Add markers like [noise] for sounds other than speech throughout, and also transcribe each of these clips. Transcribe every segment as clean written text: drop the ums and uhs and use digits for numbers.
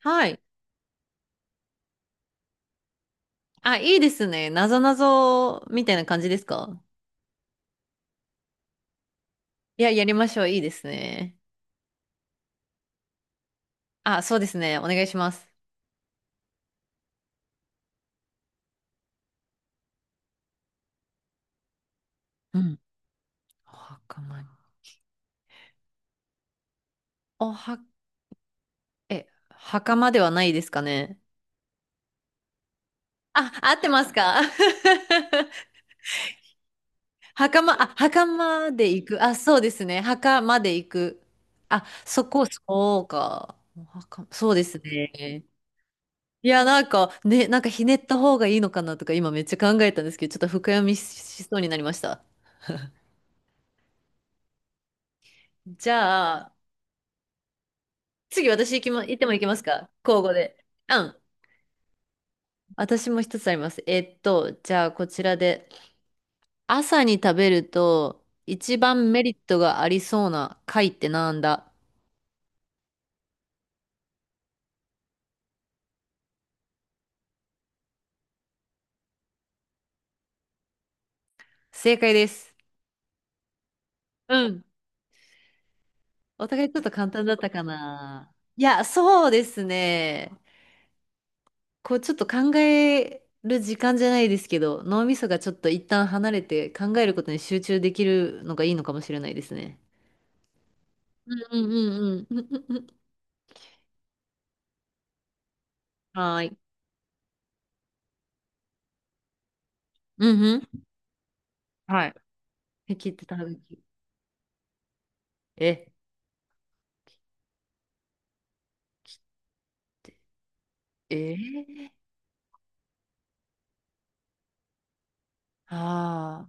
はい。あ、いいですね。なぞなぞみたいな感じですか？いや、やりましょう。いいですね。あ、そうですね。お願いします。うん。お袴に。おは、袴ではないですかね。あ、合ってますか？ [laughs] 袴、あ、袴で行く。あ、そうですね。袴で行く。あ、そこ、そうか。お墓そうですね。いや、なんか、ね、なんかひねった方がいいのかなとか、今めっちゃ考えたんですけど、ちょっと深読みしそうになりました。じゃあ、次私行きま、行っても行きますか？交互で。うん。私も一つあります。じゃあこちらで。朝に食べると一番メリットがありそうな貝ってなんだ？正解です。うん。お互いちょっと簡単だったかな。いや、そうですね。こうちょっと考える時間じゃないですけど、脳みそがちょっと一旦離れて考えることに集中できるのがいいのかもしれないですね。うんうんうんうん。[laughs] はーい。うんうん。はい。敵ってたぬき。え、えー、ああ、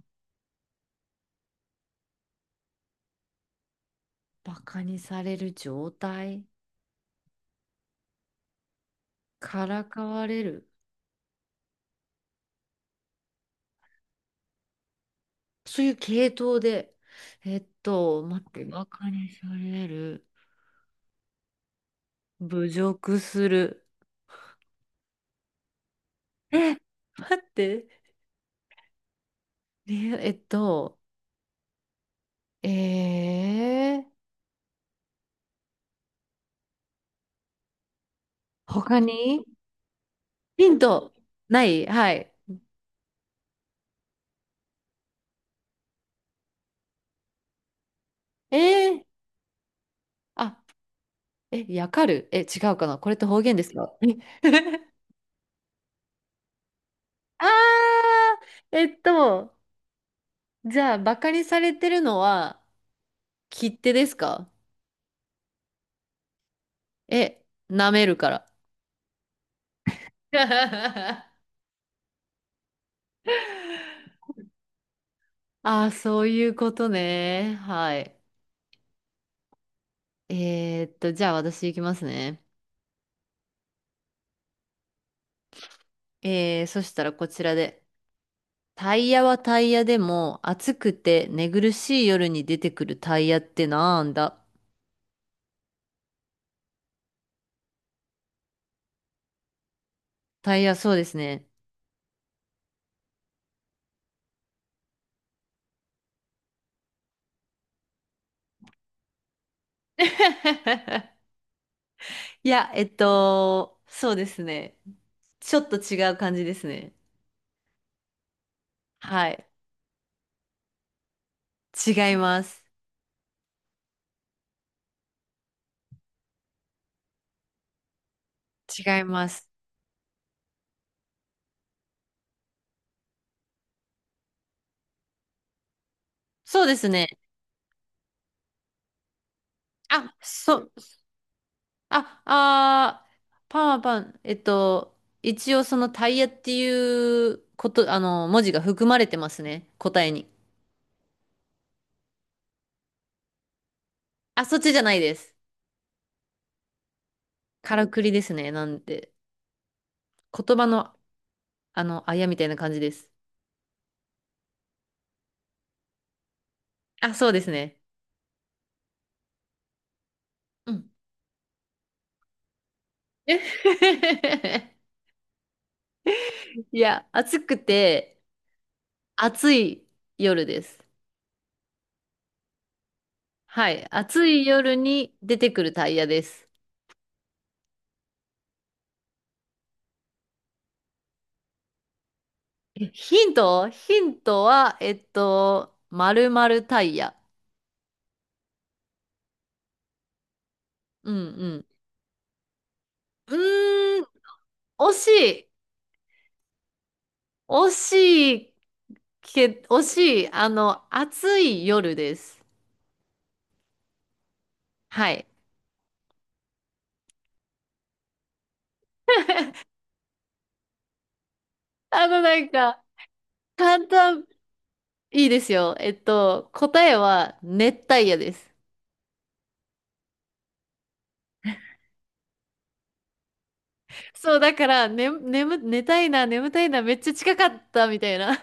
バカにされる状態。からかわれる。そういう系統で。待って、バカにされる。侮辱する。え、待って。ねえっと、えー、他にヒント、ないはい。えー、あ、え、やかる、違うかな、これって方言ですか？え [laughs] あー、じゃあ、バカにされてるのは、切手ですか？え、舐めるから。[laughs] ああ、そういうことね。はい。えーっと、じゃあ私行きますね。えー、そしたらこちらで。タイヤはタイヤでも、暑くて寝苦しい夜に出てくるタイヤってなんだ？タイヤ、そうですね。[laughs] いや、そうですね。ちょっと違う感じですね。はい。違います。違います。そうですね。あ、そう。あ、パンはパン。一応そのタイヤっていうこと、文字が含まれてますね。答えに。あ、そっちじゃないです。からくりですね。なんで、言葉の、あやみたいな感じです。あ、そうですね。うん。[laughs] いや、暑くて、暑い夜です。はい。暑い夜に出てくるタイヤです。ヒント、ヒントは、丸々タイヤ。うんうん。うーん、惜しい。惜しいけ、惜しい。暑い夜です。はい。あの、なんか、簡単、いいですよ。答えは熱帯夜です。そう、だから、ね、寝たいな、眠たいな、めっちゃ近かったみたいな。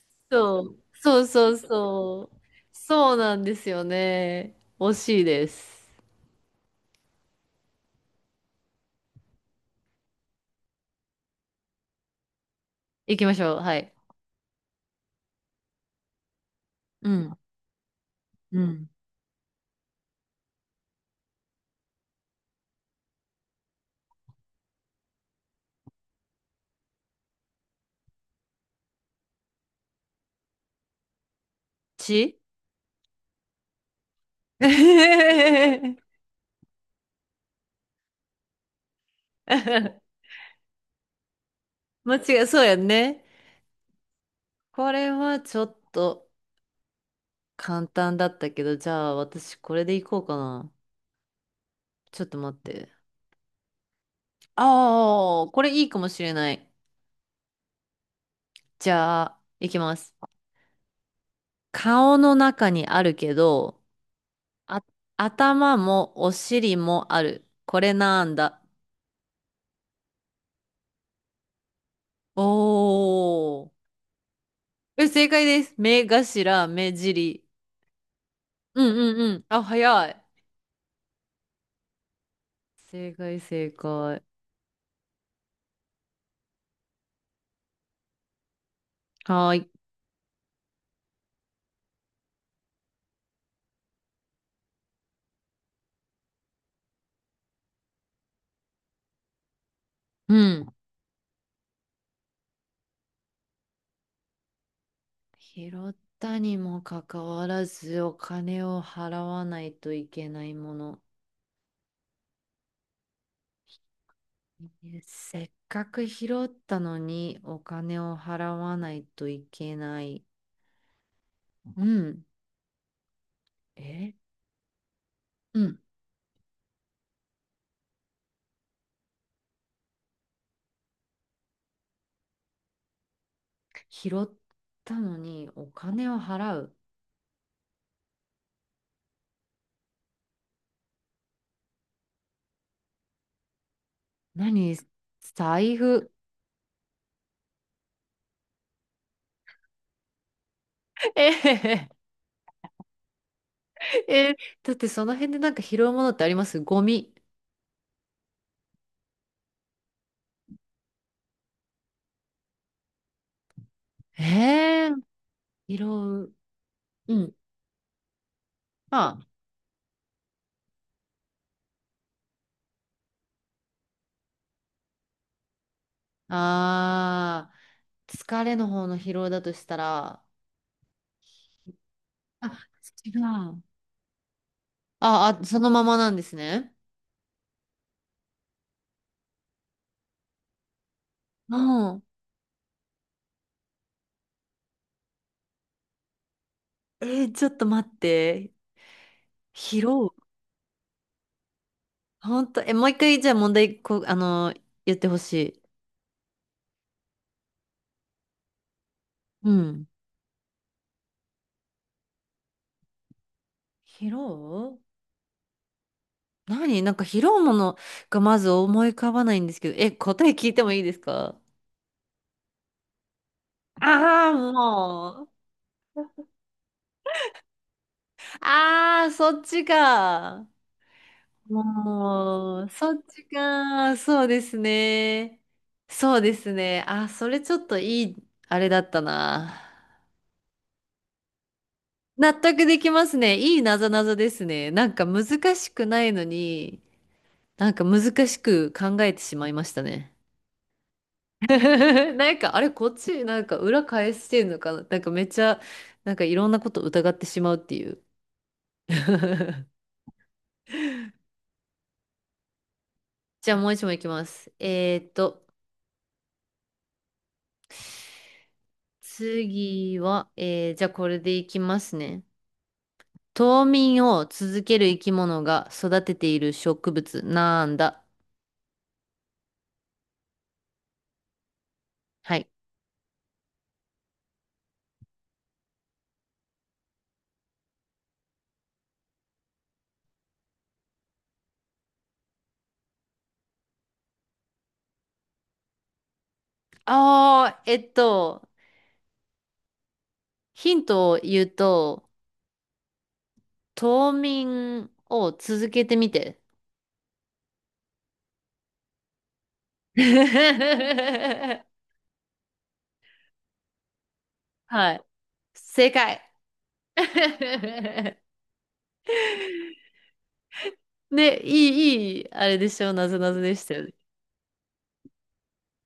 [laughs] そう、そうそうそう。そうなんですよね。惜しいです。行きましょう。はい。うん、うん。ち [laughs] 間違い、そうやんね。これはちょっと簡単だったけど、じゃあ私これで行こうかな。ちょっと待って。ああ、これいいかもしれない。じゃあ、行きます。顔の中にあるけど、あ、頭もお尻もある。これなんだ。おー。え、正解です。目頭、目尻。うんうんうん。あ、早い。正解、正解。はーい。うん。拾ったにもかかわらず、お金を払わないといけないもの。せっかく拾ったのにお金を払わないといけない。うん。えうん。拾ったのにお金を払う。何財布。[laughs] えへへ、え、だってその辺でなんか拾うものってあります？ゴミ。えー、拾う。うん。まあー、疲れの方の疲労だとしたら、あ、違う。あ、あ、そのままなんですね。うん。えー、ちょっと待って。疲労。ほんと、え、もう一回、じゃあ問題、こう、言ってほしい。うん。疲労、なんか疲労ものがまず思い浮かばないんですけど、え、答え聞いてもいいですか？ああー、もう。ああ、そっちか。もう、そっちか。そうですね。そうですね。あ、それちょっといい、あれだったな。納得できますね。いいなぞなぞですね。なんか難しくないのに、なんか難しく考えてしまいましたね。[laughs] なんか、あれ、こっち、なんか裏返してんのかな。なんかめっちゃ、なんかいろんなこと疑ってしまうっていう。[laughs] じゃあもう一問いきます。えーっと。次は、えー、じゃあこれでいきますね。冬眠を続ける生き物が育てている植物なんだ。はい。ああ、ヒントを言うと、冬眠を続けてみて。[laughs] はい。正解。[laughs] ね、いい、いい、あれでしょう、なぞなぞでしたよね。